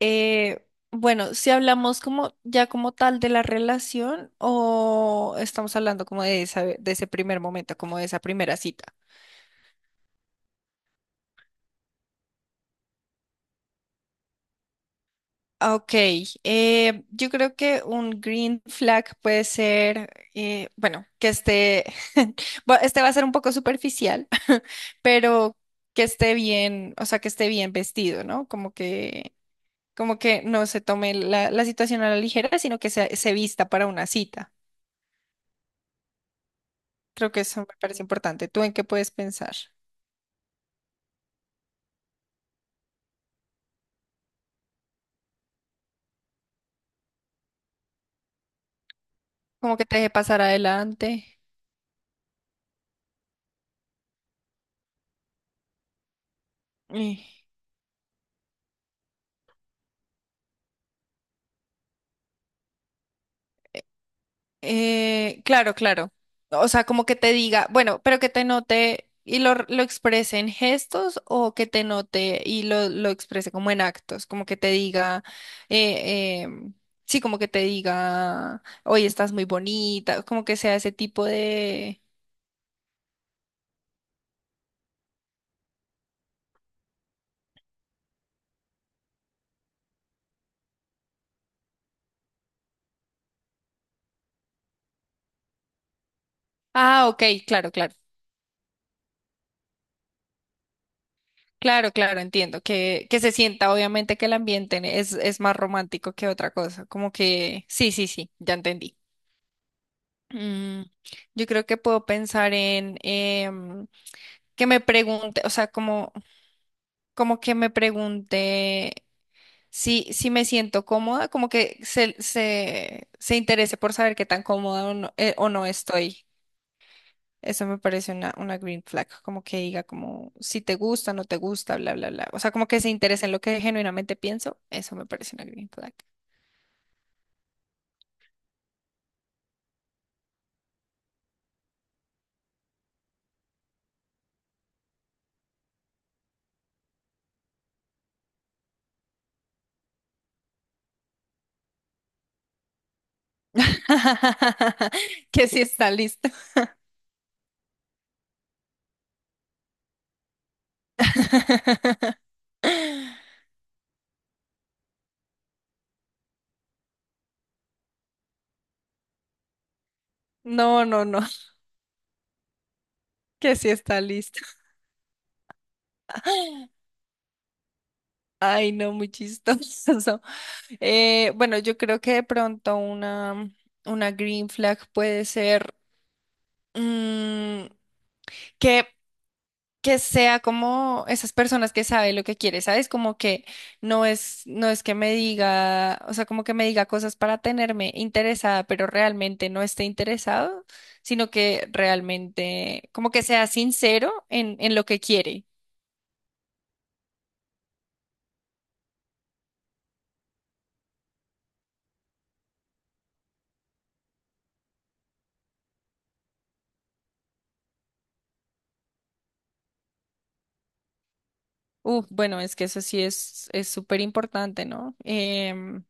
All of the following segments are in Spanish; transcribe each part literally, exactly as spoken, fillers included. Eh, bueno, si hablamos como ya como tal de la relación o estamos hablando como de esa, de ese primer momento, como de esa primera cita. Ah, ok, eh, yo creo que un green flag puede ser, eh, bueno, que esté, bueno, este va a ser un poco superficial, pero que esté bien, o sea, que esté bien vestido, ¿no? Como que, como que no se tome la, la situación a la ligera, sino que se, se vista para una cita. Creo que eso me parece importante. ¿Tú en qué puedes pensar? Como que te deje pasar adelante. Eh, eh, claro, claro. O sea, como que te diga, bueno, pero que te note y lo, lo exprese en gestos o que te note y lo, lo exprese como en actos, como que te diga, eh, eh, sí, como que te diga, hoy estás muy bonita, como que sea ese tipo de... Ah, ok, claro, claro. Claro, claro, entiendo. Que, que se sienta, obviamente, que el ambiente es, es más romántico que otra cosa. Como que, sí, sí, sí, ya entendí. Mm, yo creo que puedo pensar en em, que me pregunte, o sea, como, como que me pregunte si, si me siento cómoda, como que se, se, se interese por saber qué tan cómoda o no, eh, o no estoy. Eso me parece una, una green flag, como que diga como si te gusta, no te gusta, bla, bla, bla. O sea, como que se interese en lo que genuinamente pienso. Eso me parece una green flag. Que sí está listo. No, no, no, que sí está listo. Ay, no, muy chistoso. Eh, bueno, yo creo que de pronto una, una green flag puede ser mm, que que sea como esas personas que sabe lo que quiere, ¿sabes? Como que no es, no es que me diga, o sea, como que me diga cosas para tenerme interesada, pero realmente no esté interesado, sino que realmente, como que sea sincero en, en lo que quiere. Uf, bueno, es que eso sí es, es súper importante, ¿no? Em,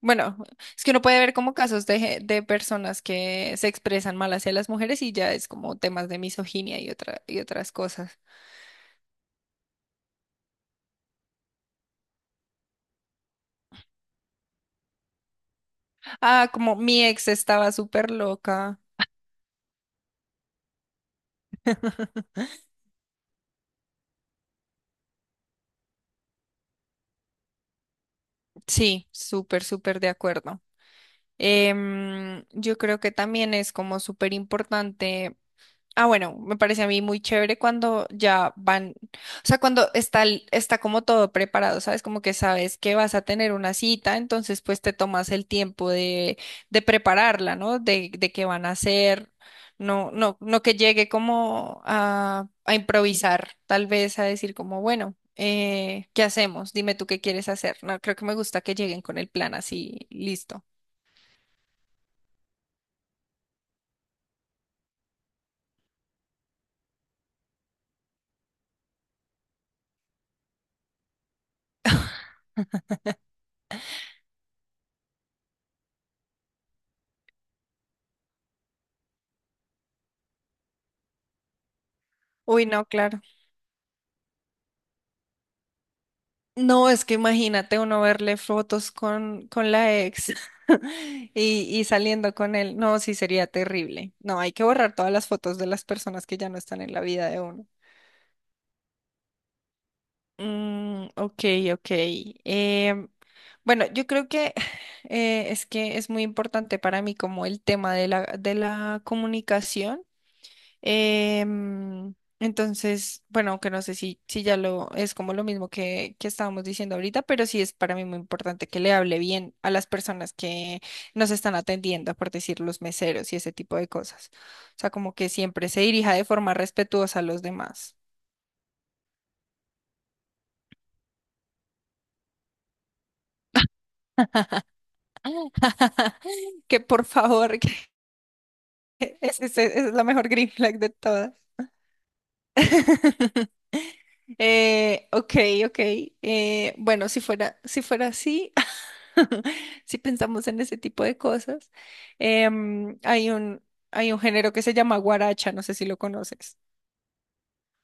bueno, es que uno puede ver como casos de, ge- de personas que se expresan mal hacia las mujeres y ya es como temas de misoginia y otra, y otras cosas. Ah, como mi ex estaba súper loca. Sí, súper, súper de acuerdo. Em, yo creo que también es como súper importante. Ah, bueno, me parece a mí muy chévere cuando ya van, o sea, cuando está, el- está como todo preparado, ¿sabes? Como que sabes que vas a tener una cita, entonces pues te tomas el tiempo de, de prepararla, ¿no? De, de qué van a hacer, no, no, no que llegue como a, a improvisar, tal vez a decir como, bueno, eh, ¿qué hacemos? Dime tú qué quieres hacer. No, creo que me gusta que lleguen con el plan así, listo. Uy, no, claro. No, es que imagínate uno verle fotos con, con la ex y, y saliendo con él. No, sí sería terrible. No, hay que borrar todas las fotos de las personas que ya no están en la vida de uno. Mm, ok, ok. Em, bueno, yo creo que eh, es que es muy importante para mí como el tema de la, de la comunicación. Em, entonces, bueno, aunque no sé si, si ya lo es como lo mismo que, que estábamos diciendo ahorita, pero sí es para mí muy importante que le hable bien a las personas que nos están atendiendo, por decir los meseros y ese tipo de cosas. O sea, como que siempre se dirija de forma respetuosa a los demás. Que por favor, que ese- ese- esa es la mejor green flag de todas. Eh, ok, ok. Eh, bueno, si fuera, si fuera así, si pensamos en ese tipo de cosas, em, hay un, hay un género que se llama guaracha, no sé si lo conoces.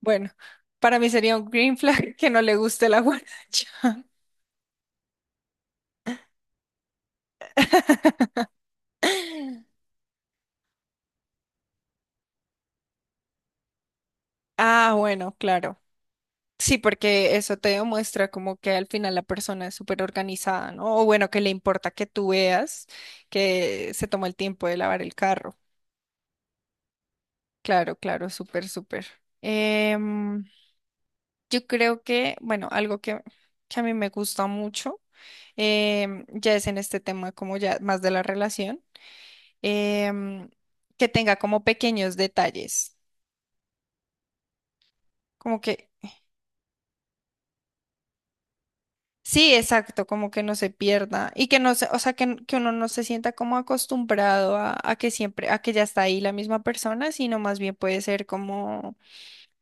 Bueno, para mí sería un green flag que no le guste la guaracha. Ah, bueno, claro. Sí, porque eso te demuestra como que al final la persona es súper organizada, ¿no? O bueno, que le importa que tú veas que se toma el tiempo de lavar el carro. Claro, claro, súper, súper. Em, yo creo que, bueno, algo que, que a mí me gusta mucho, em, ya es en este tema como ya más de la relación, em, que tenga como pequeños detalles, como que, sí, exacto, como que no se pierda y que no se, o sea, que, n- que uno no se sienta como acostumbrado a, a que siempre, a que ya está ahí la misma persona, sino más bien puede ser como...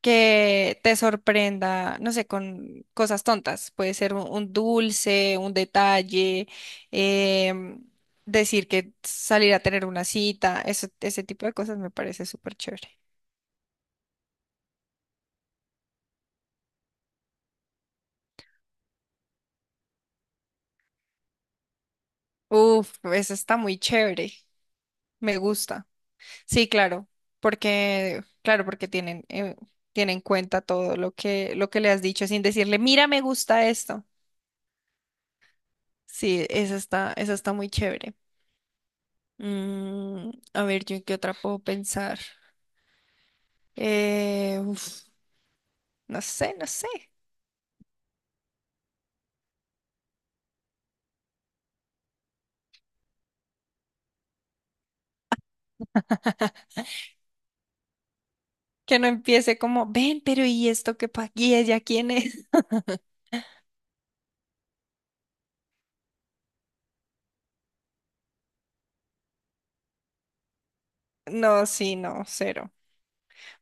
que te sorprenda, no sé, con cosas tontas. Puede ser un, un dulce, un detalle, em, decir que salir a tener una cita, eso, ese tipo de cosas me parece súper chévere. Uf, eso está muy chévere, me gusta. Sí, claro, porque, claro, porque tienen, eh, tienen en cuenta todo lo que, lo que le has dicho sin decirle, mira, me gusta esto. Sí, eso está, eso está muy chévere. Mm, a ver, ¿yo en qué otra puedo pensar? Eh, uf, no sé, no sé. Que no empiece como, ven, pero ¿y esto qué pa'? ¿Y ella quién es? No, sí, no, cero.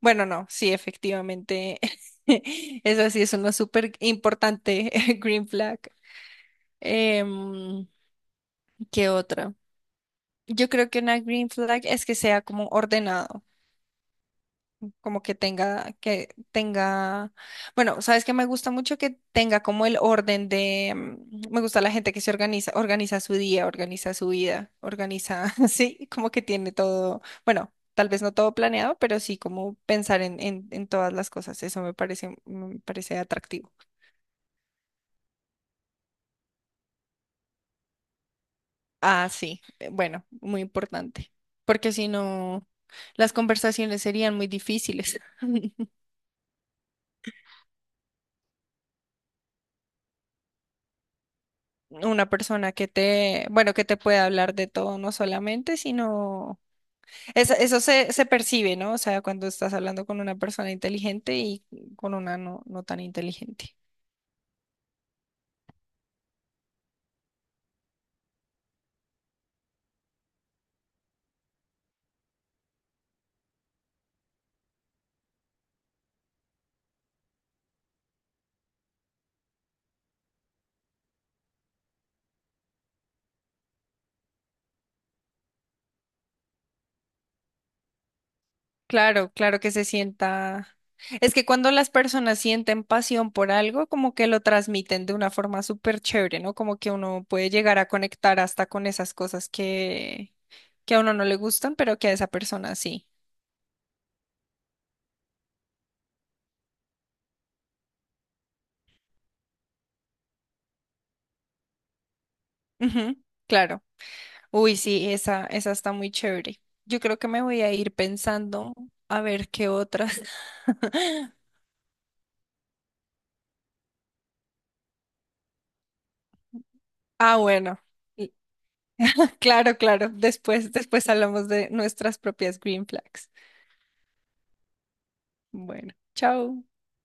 Bueno, no, sí, efectivamente. Eso sí es una súper importante green flag. Em, ¿qué otra? Yo creo que una green flag es que sea como ordenado. Como que tenga, que tenga, bueno, sabes que me gusta mucho que tenga como el orden de, mm, me gusta la gente que se organiza, organiza su día, organiza su vida, organiza, sí, como que tiene todo, bueno, tal vez no todo planeado, pero sí como pensar en, en, en todas las cosas, eso me parece, me parece atractivo. Ah, sí, eh, bueno, muy importante, porque si no, las conversaciones serían muy difíciles. Una persona que te, bueno, que te pueda hablar de todo, no solamente, sino eso, eso se, se percibe, ¿no? O sea, cuando estás hablando con una persona inteligente y con una no, no tan inteligente. Claro, claro que se sienta. Es que cuando las personas sienten pasión por algo, como que lo transmiten de una forma súper chévere, ¿no? Como que uno puede llegar a conectar hasta con esas cosas que, que a uno no le gustan, pero que a esa persona sí. Ujú, claro. Uy, sí, esa, esa está muy chévere. Yo creo que me voy a ir pensando a ver qué otras. Ah, bueno. y- Claro, claro. Después, después hablamos de nuestras propias green flags. Bueno, chao.